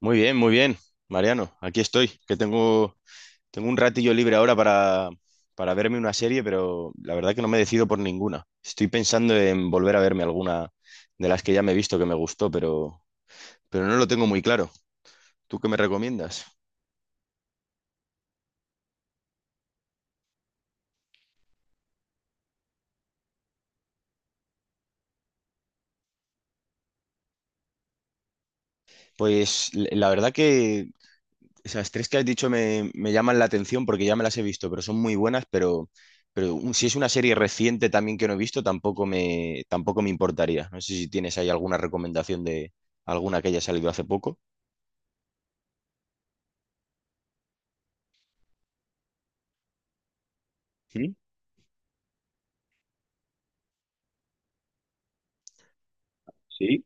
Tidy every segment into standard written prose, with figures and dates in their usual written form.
Muy bien, Mariano, aquí estoy, que tengo un ratillo libre ahora para verme una serie, pero la verdad que no me decido por ninguna. Estoy pensando en volver a verme alguna de las que ya me he visto que me gustó, pero no lo tengo muy claro. ¿Tú qué me recomiendas? Pues la verdad que esas tres que has dicho me llaman la atención porque ya me las he visto, pero son muy buenas, pero si es una serie reciente también que no he visto, tampoco me importaría. No sé si tienes ahí alguna recomendación de alguna que haya salido hace poco. ¿Mm? Sí.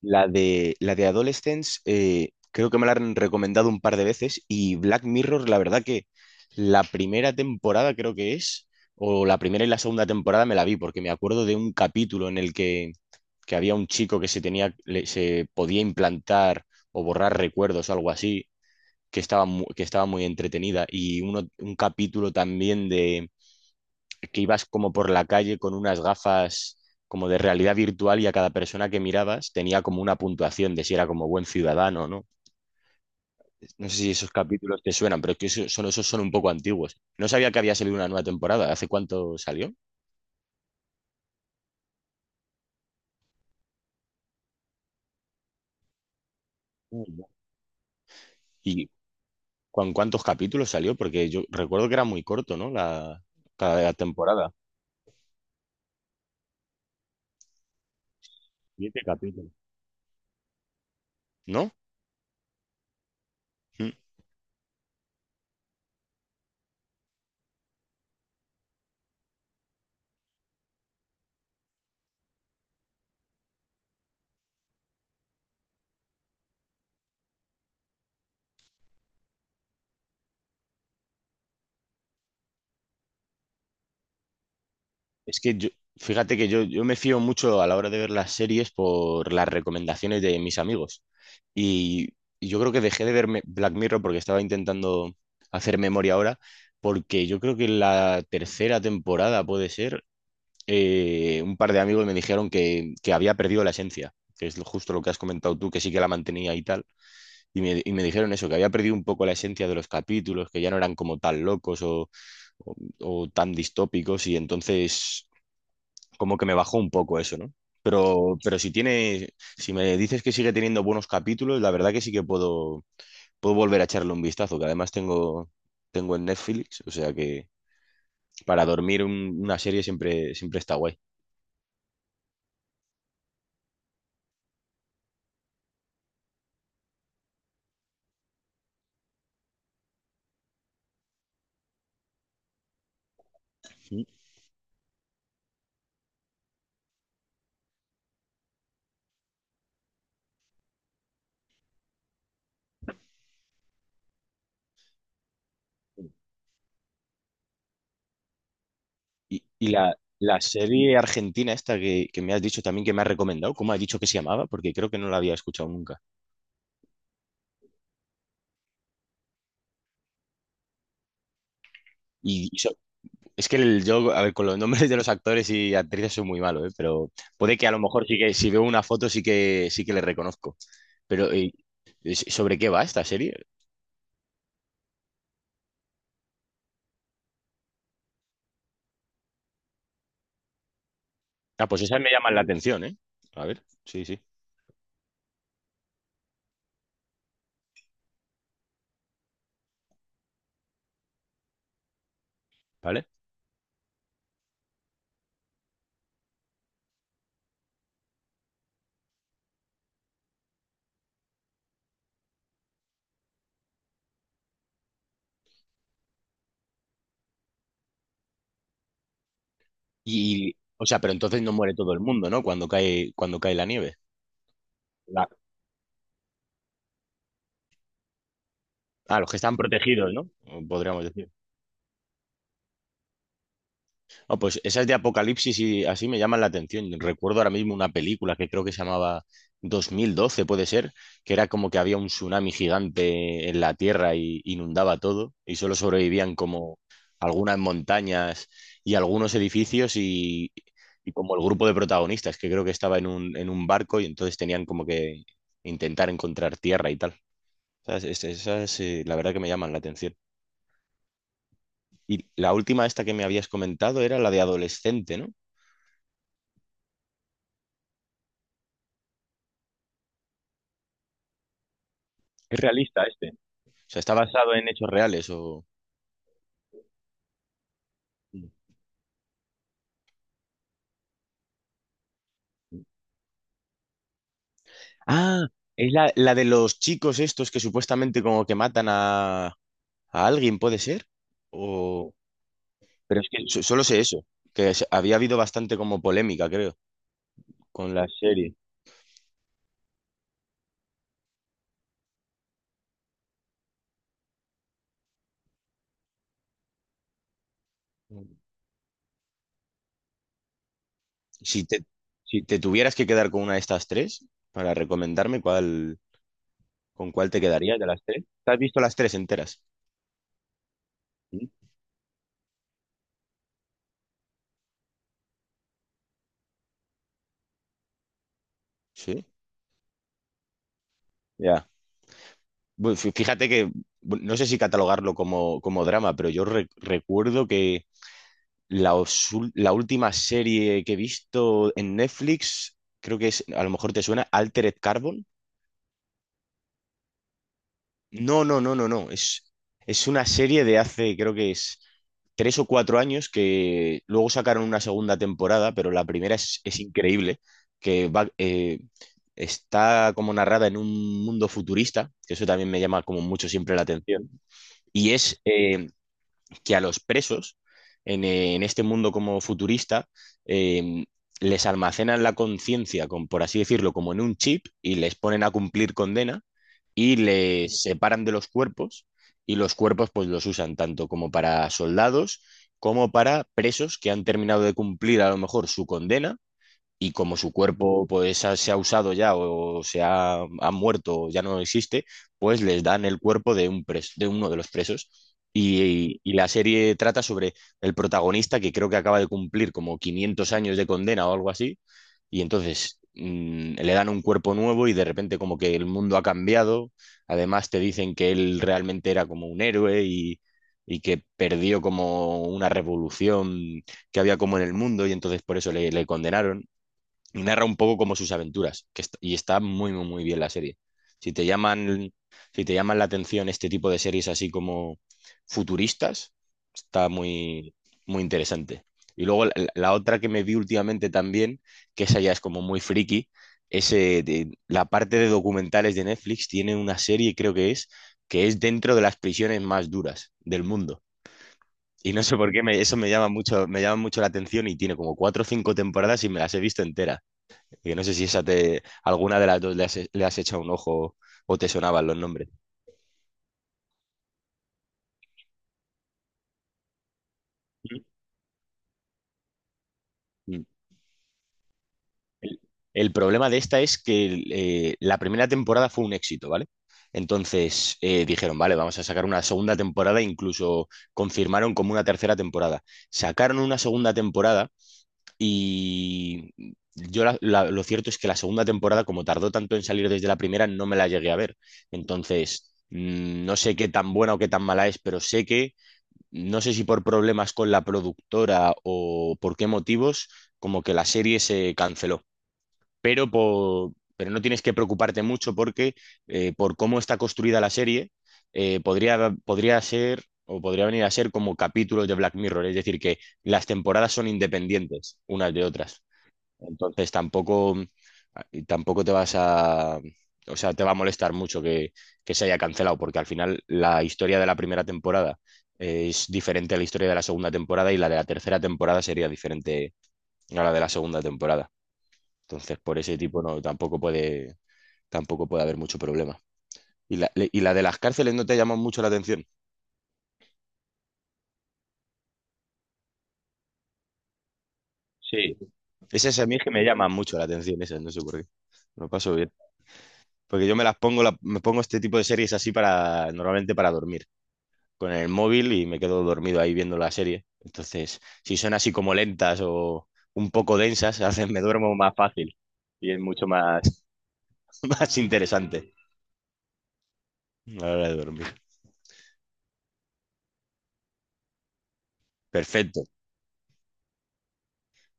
La de Adolescence, creo que me la han recomendado un par de veces y Black Mirror, la verdad que la primera temporada creo que es, o la primera y la segunda temporada me la vi porque me acuerdo de un capítulo en el que había un chico que se tenía, se podía implantar o borrar recuerdos o algo así, que estaba muy entretenida. Y un capítulo también de que ibas como por la calle con unas gafas como de realidad virtual y a cada persona que mirabas tenía como una puntuación de si era como buen ciudadano o no. No sé si esos capítulos te suenan, pero es que esos son un poco antiguos. No sabía que había salido una nueva temporada. ¿Hace cuánto salió? Mm. Y ¿con cuántos capítulos salió? Porque yo recuerdo que era muy corto, ¿no? Cada temporada. Siete capítulos. ¿No? Mm. Es que yo, fíjate que yo me fío mucho a la hora de ver las series por las recomendaciones de mis amigos. Y, y yo creo que dejé de verme Black Mirror porque estaba intentando hacer memoria ahora, porque yo creo que en la tercera temporada puede ser, un par de amigos me dijeron que había perdido la esencia, que es justo lo que has comentado tú, que sí que la mantenía y tal. Y me dijeron eso, que había perdido un poco la esencia de los capítulos, que ya no eran como tan locos o tan distópicos, y entonces como que me bajó un poco eso, ¿no? Pero si tiene, si me dices que sigue teniendo buenos capítulos, la verdad que sí que puedo volver a echarle un vistazo, que además tengo en Netflix, o sea que para dormir una serie siempre está guay. Sí. Y la serie argentina esta que me has dicho también que me has recomendado, ¿cómo has dicho que se llamaba? Porque creo que no la había escuchado nunca. Y, y so- es que yo, a ver, con los nombres de los actores y actrices soy muy malo, ¿eh? Pero puede que a lo mejor sí que si veo una foto sí que le reconozco. Pero ¿sobre qué va esta serie? Ah, pues esas me llaman la atención, ¿eh? A ver, sí, sí, ¿vale? Y, o sea, pero entonces no muere todo el mundo, ¿no? Cuando cae la nieve. La- ah, los que están protegidos, ¿no? Podríamos decir. Ah, pues esas de Apocalipsis y así me llaman la atención. Recuerdo ahora mismo una película que creo que se llamaba 2012, puede ser, que era como que había un tsunami gigante en la Tierra y inundaba todo y solo sobrevivían como algunas montañas y algunos edificios y como el grupo de protagonistas, que creo que estaba en un barco y entonces tenían como que intentar encontrar tierra y tal. Esas, la verdad que me llaman la atención. Y la última esta que me habías comentado era la de adolescente, ¿no? Es realista este. O sea, está basado en hechos reales o. Ah, es la de los chicos estos que supuestamente como que matan a alguien, ¿puede ser? O. Pero es que solo sé eso, que había habido bastante como polémica, creo, con la serie. Si te, si te tuvieras que quedar con una de estas tres, para recomendarme cuál, con cuál te quedarías de las tres. ¿Te has visto las tres enteras? Sí. ¿Sí? Ya. Bueno, fíjate que bueno, no sé si catalogarlo como, como drama, pero yo recuerdo que la última serie que he visto en Netflix, creo que es, a lo mejor te suena, Altered Carbon. No, no, no, no, no. Es una serie de hace, creo que es 3 o 4 años que luego sacaron una segunda temporada, pero la primera es increíble, que va, está como narrada en un mundo futurista, que eso también me llama como mucho siempre la atención, y es que a los presos, en este mundo como futurista, eh, les almacenan la conciencia, por así decirlo, como en un chip y les ponen a cumplir condena y les separan de los cuerpos y los cuerpos pues los usan tanto como para soldados como para presos que han terminado de cumplir a lo mejor su condena y como su cuerpo pues se ha usado ya o se ha muerto o ya no existe, pues les dan el cuerpo de de uno de los presos. Y la serie trata sobre el protagonista que creo que acaba de cumplir como 500 años de condena o algo así, y entonces le dan un cuerpo nuevo y de repente como que el mundo ha cambiado. Además te dicen que él realmente era como un héroe y que perdió como una revolución que había como en el mundo y entonces por eso le condenaron y narra un poco como sus aventuras, que y está muy, muy, muy bien la serie. Si te llaman, si te llaman la atención este tipo de series así como futuristas, está muy, muy interesante. Y luego la otra que me vi últimamente también, que esa ya es como muy friki, es la parte de documentales de Netflix tiene una serie, creo que es dentro de las prisiones más duras del mundo. Y no sé por qué eso me llama mucho la atención y tiene como cuatro o cinco temporadas y me las he visto enteras. Que no sé si alguna de las dos le has echado un ojo o te sonaban los nombres. Mm. El, el problema de esta es que la primera temporada fue un éxito, ¿vale? Entonces dijeron, vale, vamos a sacar una segunda temporada, incluso confirmaron como una tercera temporada. Sacaron una segunda temporada y yo lo cierto es que la segunda temporada, como tardó tanto en salir desde la primera, no me la llegué a ver. Entonces, no sé qué tan buena o qué tan mala es, pero sé que no sé si por problemas con la productora o por qué motivos, como que la serie se canceló. Pero no tienes que preocuparte mucho porque por cómo está construida la serie, podría ser o podría venir a ser como capítulos de Black Mirror, es decir, que las temporadas son independientes unas de otras. Entonces tampoco, y tampoco te vas a, o sea, te va a molestar mucho que se haya cancelado, porque al final la historia de la primera temporada es diferente a la historia de la segunda temporada y la de la tercera temporada sería diferente a la de la segunda temporada. Entonces, por ese tipo no, tampoco puede haber mucho problema. Y la de las cárceles no te llama mucho la atención. Sí, esas a mí es que me llaman mucho la atención, esas, no sé por qué. Me lo paso bien. Porque yo me las pongo, la- me pongo este tipo de series así normalmente para dormir. Con el móvil y me quedo dormido ahí viendo la serie. Entonces, si son así como lentas o un poco densas, hacen me duermo más fácil y es mucho más, más interesante a la hora de dormir. Perfecto.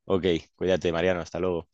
Ok, cuídate, Mariano. Hasta luego.